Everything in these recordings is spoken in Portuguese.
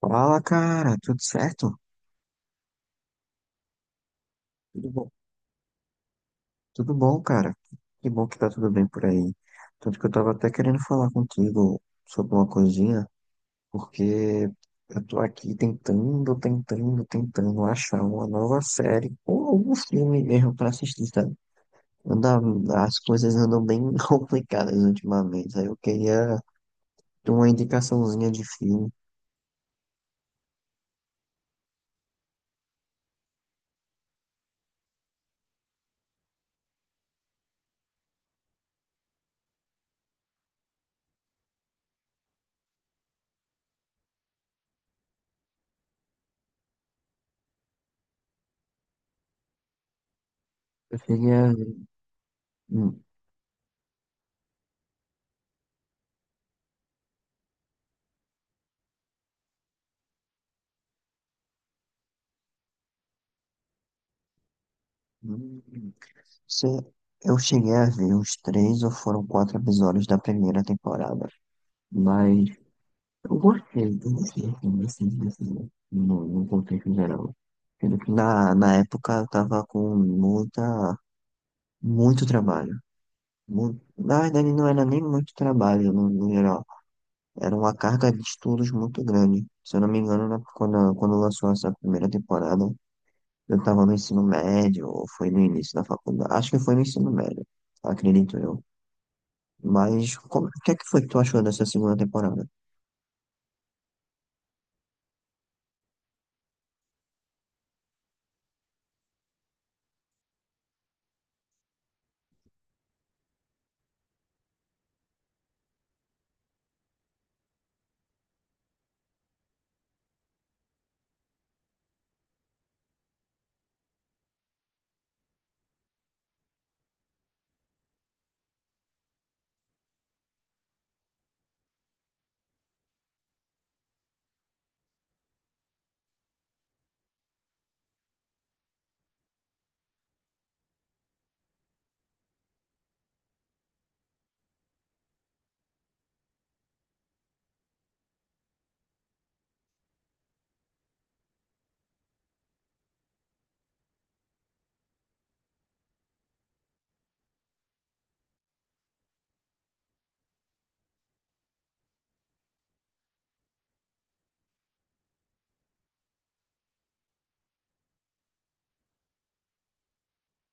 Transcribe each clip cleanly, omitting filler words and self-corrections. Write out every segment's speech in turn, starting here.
Fala, cara, tudo certo? Tudo bom? Tudo bom, cara. Que bom que tá tudo bem por aí. Tanto que eu tava até querendo falar contigo sobre uma coisinha, porque eu tô aqui tentando achar uma nova série ou algum filme mesmo pra assistir, sabe? Anda, as coisas andam bem complicadas ultimamente. Aí eu queria ter uma indicaçãozinha de filme. Eu queria. Hum, hum. hum. Sim, eu cheguei a ver os três ou foram quatro episódios da primeira temporada, mas eu gostei assim, desse, desse, no, no contexto geral. Sendo que na época eu tava com muito trabalho. Muito, na verdade não era nem muito trabalho no geral, era uma carga de estudos muito grande. Se eu não me engano, quando, quando lançou essa primeira temporada, eu tava no ensino médio, ou foi no início da faculdade, acho que foi no ensino médio, acredito eu. O que é que foi que tu achou dessa segunda temporada?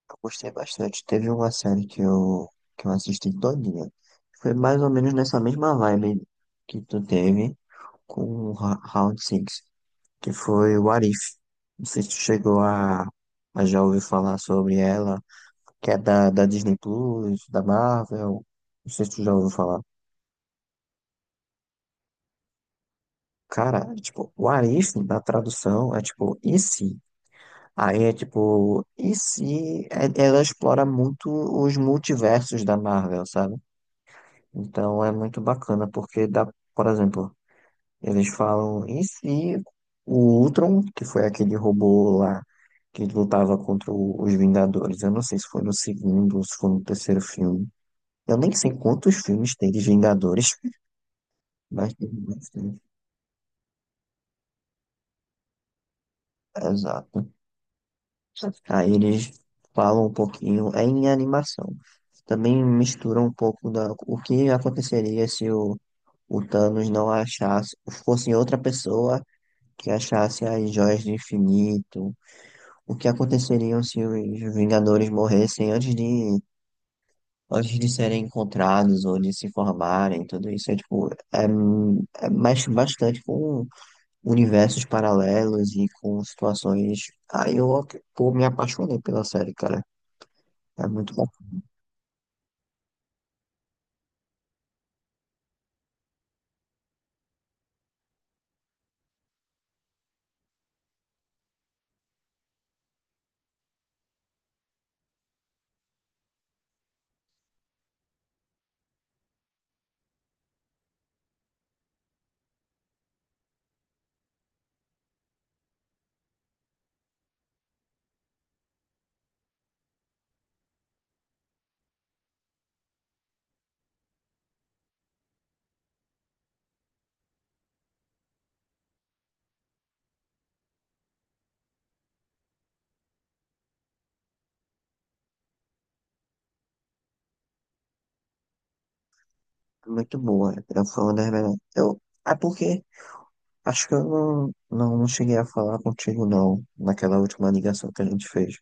Eu gostei bastante. Teve uma série que eu assisti todinha. Foi mais ou menos nessa mesma vibe que tu teve com o Round Six, que foi o Arif. Não sei se tu chegou a já ouvir falar sobre ela, que é da Disney Plus, da Marvel. Não sei se tu já ouviu falar. Cara, é tipo, o Arif, na tradução, é tipo, e se? Aí é tipo, e se é- ela explora muito os multiversos da Marvel, sabe? Então é muito bacana, porque dá, por exemplo, eles falam, e se o Ultron, que foi aquele robô lá que lutava os Vingadores, eu não sei se foi no segundo ou se foi no terceiro filme. Eu nem sei quantos filmes tem de Vingadores, mas tem bastante. Exato. Aí eles falam um pouquinho, é em animação. Também misturam um pouco o que aconteceria se o Thanos não achasse, fosse outra pessoa que achasse as joias do infinito. O que aconteceria se os Vingadores morressem antes de serem encontrados ou de se formarem, tudo isso é tipo, é, é mais, bastante com universos paralelos e com situações. Aí eu, pô, me apaixonei pela série, cara. É muito bom, muito boa. Eu, foi uma das melhores. Eu, é porque acho que eu não cheguei a falar contigo, não, naquela última ligação que a gente fez.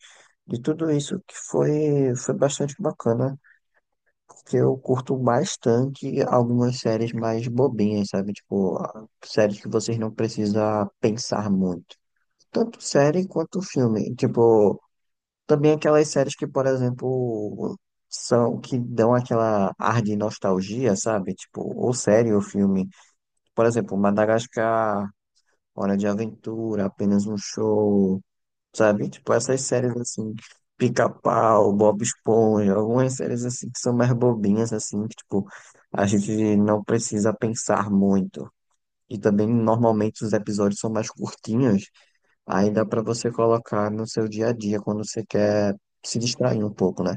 De tudo isso foi bastante bacana, porque eu curto bastante algumas séries mais bobinhas, sabe? Tipo, séries que vocês não precisam pensar muito. Tanto série quanto filme. Tipo, também aquelas séries que, por exemplo, são que dão aquela ar de nostalgia, sabe? Tipo, ou série ou filme. Por exemplo, Madagascar, Hora de Aventura, Apenas um Show, sabe? Tipo, essas séries assim, Pica-Pau, Bob Esponja, algumas séries assim que são mais bobinhas, assim, que tipo, a gente não precisa pensar muito. E também, normalmente, os episódios são mais curtinhos. Aí dá pra você colocar no seu dia a dia quando você quer se distrair um pouco, né?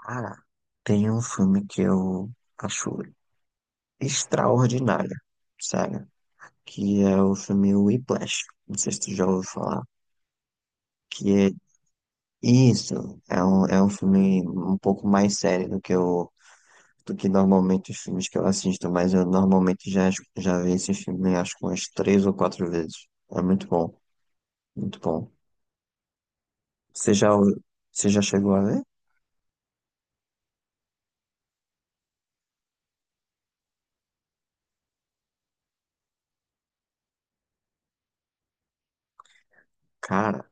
Cara, tem um filme que eu acho extraordinário, sério, que é o filme Whiplash. Não sei se tu já ouviu falar. Que é isso, é um filme um pouco mais sério do que eu, do que normalmente os filmes que eu assisto, mas eu normalmente já vi esse filme acho que umas três ou quatro vezes. É muito bom, muito bom. Você já, ouviu- você já chegou a ver? Cara.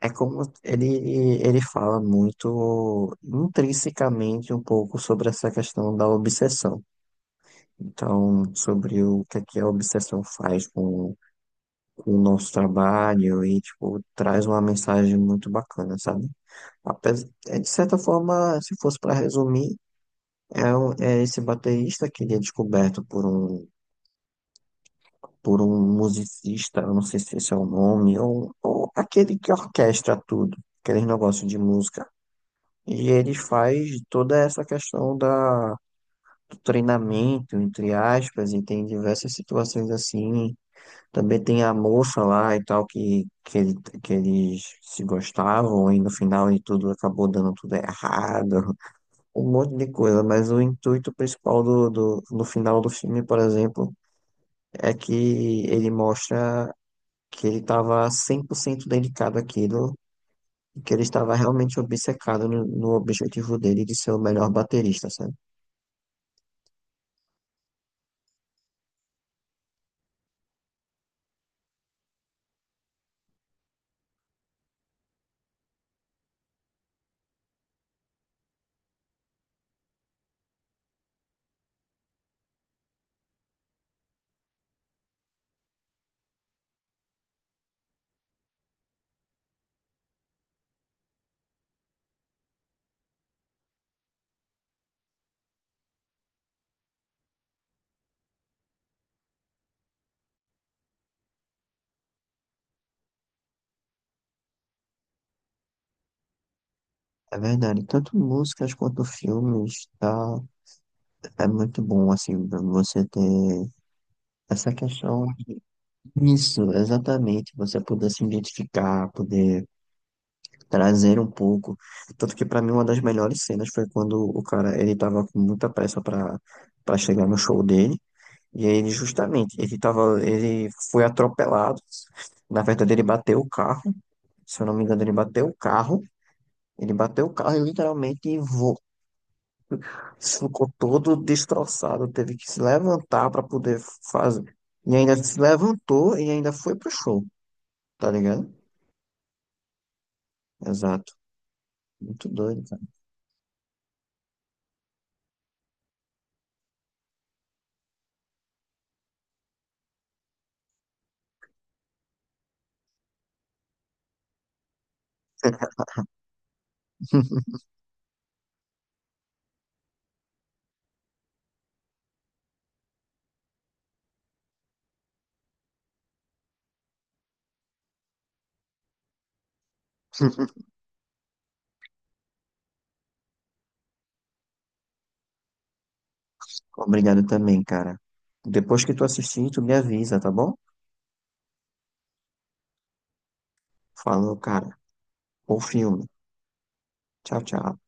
É como ele fala muito intrinsecamente um pouco sobre essa questão da obsessão. Então, sobre o que é que a obsessão faz com o nosso trabalho e, tipo, traz uma mensagem muito bacana, sabe? Apesar, de certa forma, se fosse para resumir, é, é esse baterista que ele é descoberto por um musicista, eu não sei se esse é o nome, ou aquele que orquestra tudo, aqueles negócios de música. E ele faz toda essa questão do treinamento, entre aspas, e tem diversas situações assim. Também tem a moça lá e tal, que eles se gostavam, e no final de tudo acabou dando tudo errado, um monte de coisa. Mas o intuito principal no final do filme, por exemplo, é que ele mostra que ele estava 100% dedicado àquilo. E que ele estava realmente obcecado no objetivo dele de ser o melhor baterista, sabe? É verdade, tanto músicas quanto filmes, tá, é muito bom, assim, pra você ter essa questão. Isso, exatamente, você poder se identificar, poder trazer um pouco. Tanto que pra mim uma das melhores cenas foi quando o cara, ele tava com muita pressa pra para chegar no show dele, e aí ele justamente, ele foi atropelado. Na verdade, ele bateu o carro, se eu não me engano, ele bateu o carro e literalmente ficou todo destroçado, teve que se levantar para poder fazer. E ainda se levantou e ainda foi pro show, tá ligado? Exato. Muito doido, cara. Obrigado também, cara. Depois que tu assistir, tu me avisa, tá bom? Falou, cara. Bom filme. Tchau, tchau.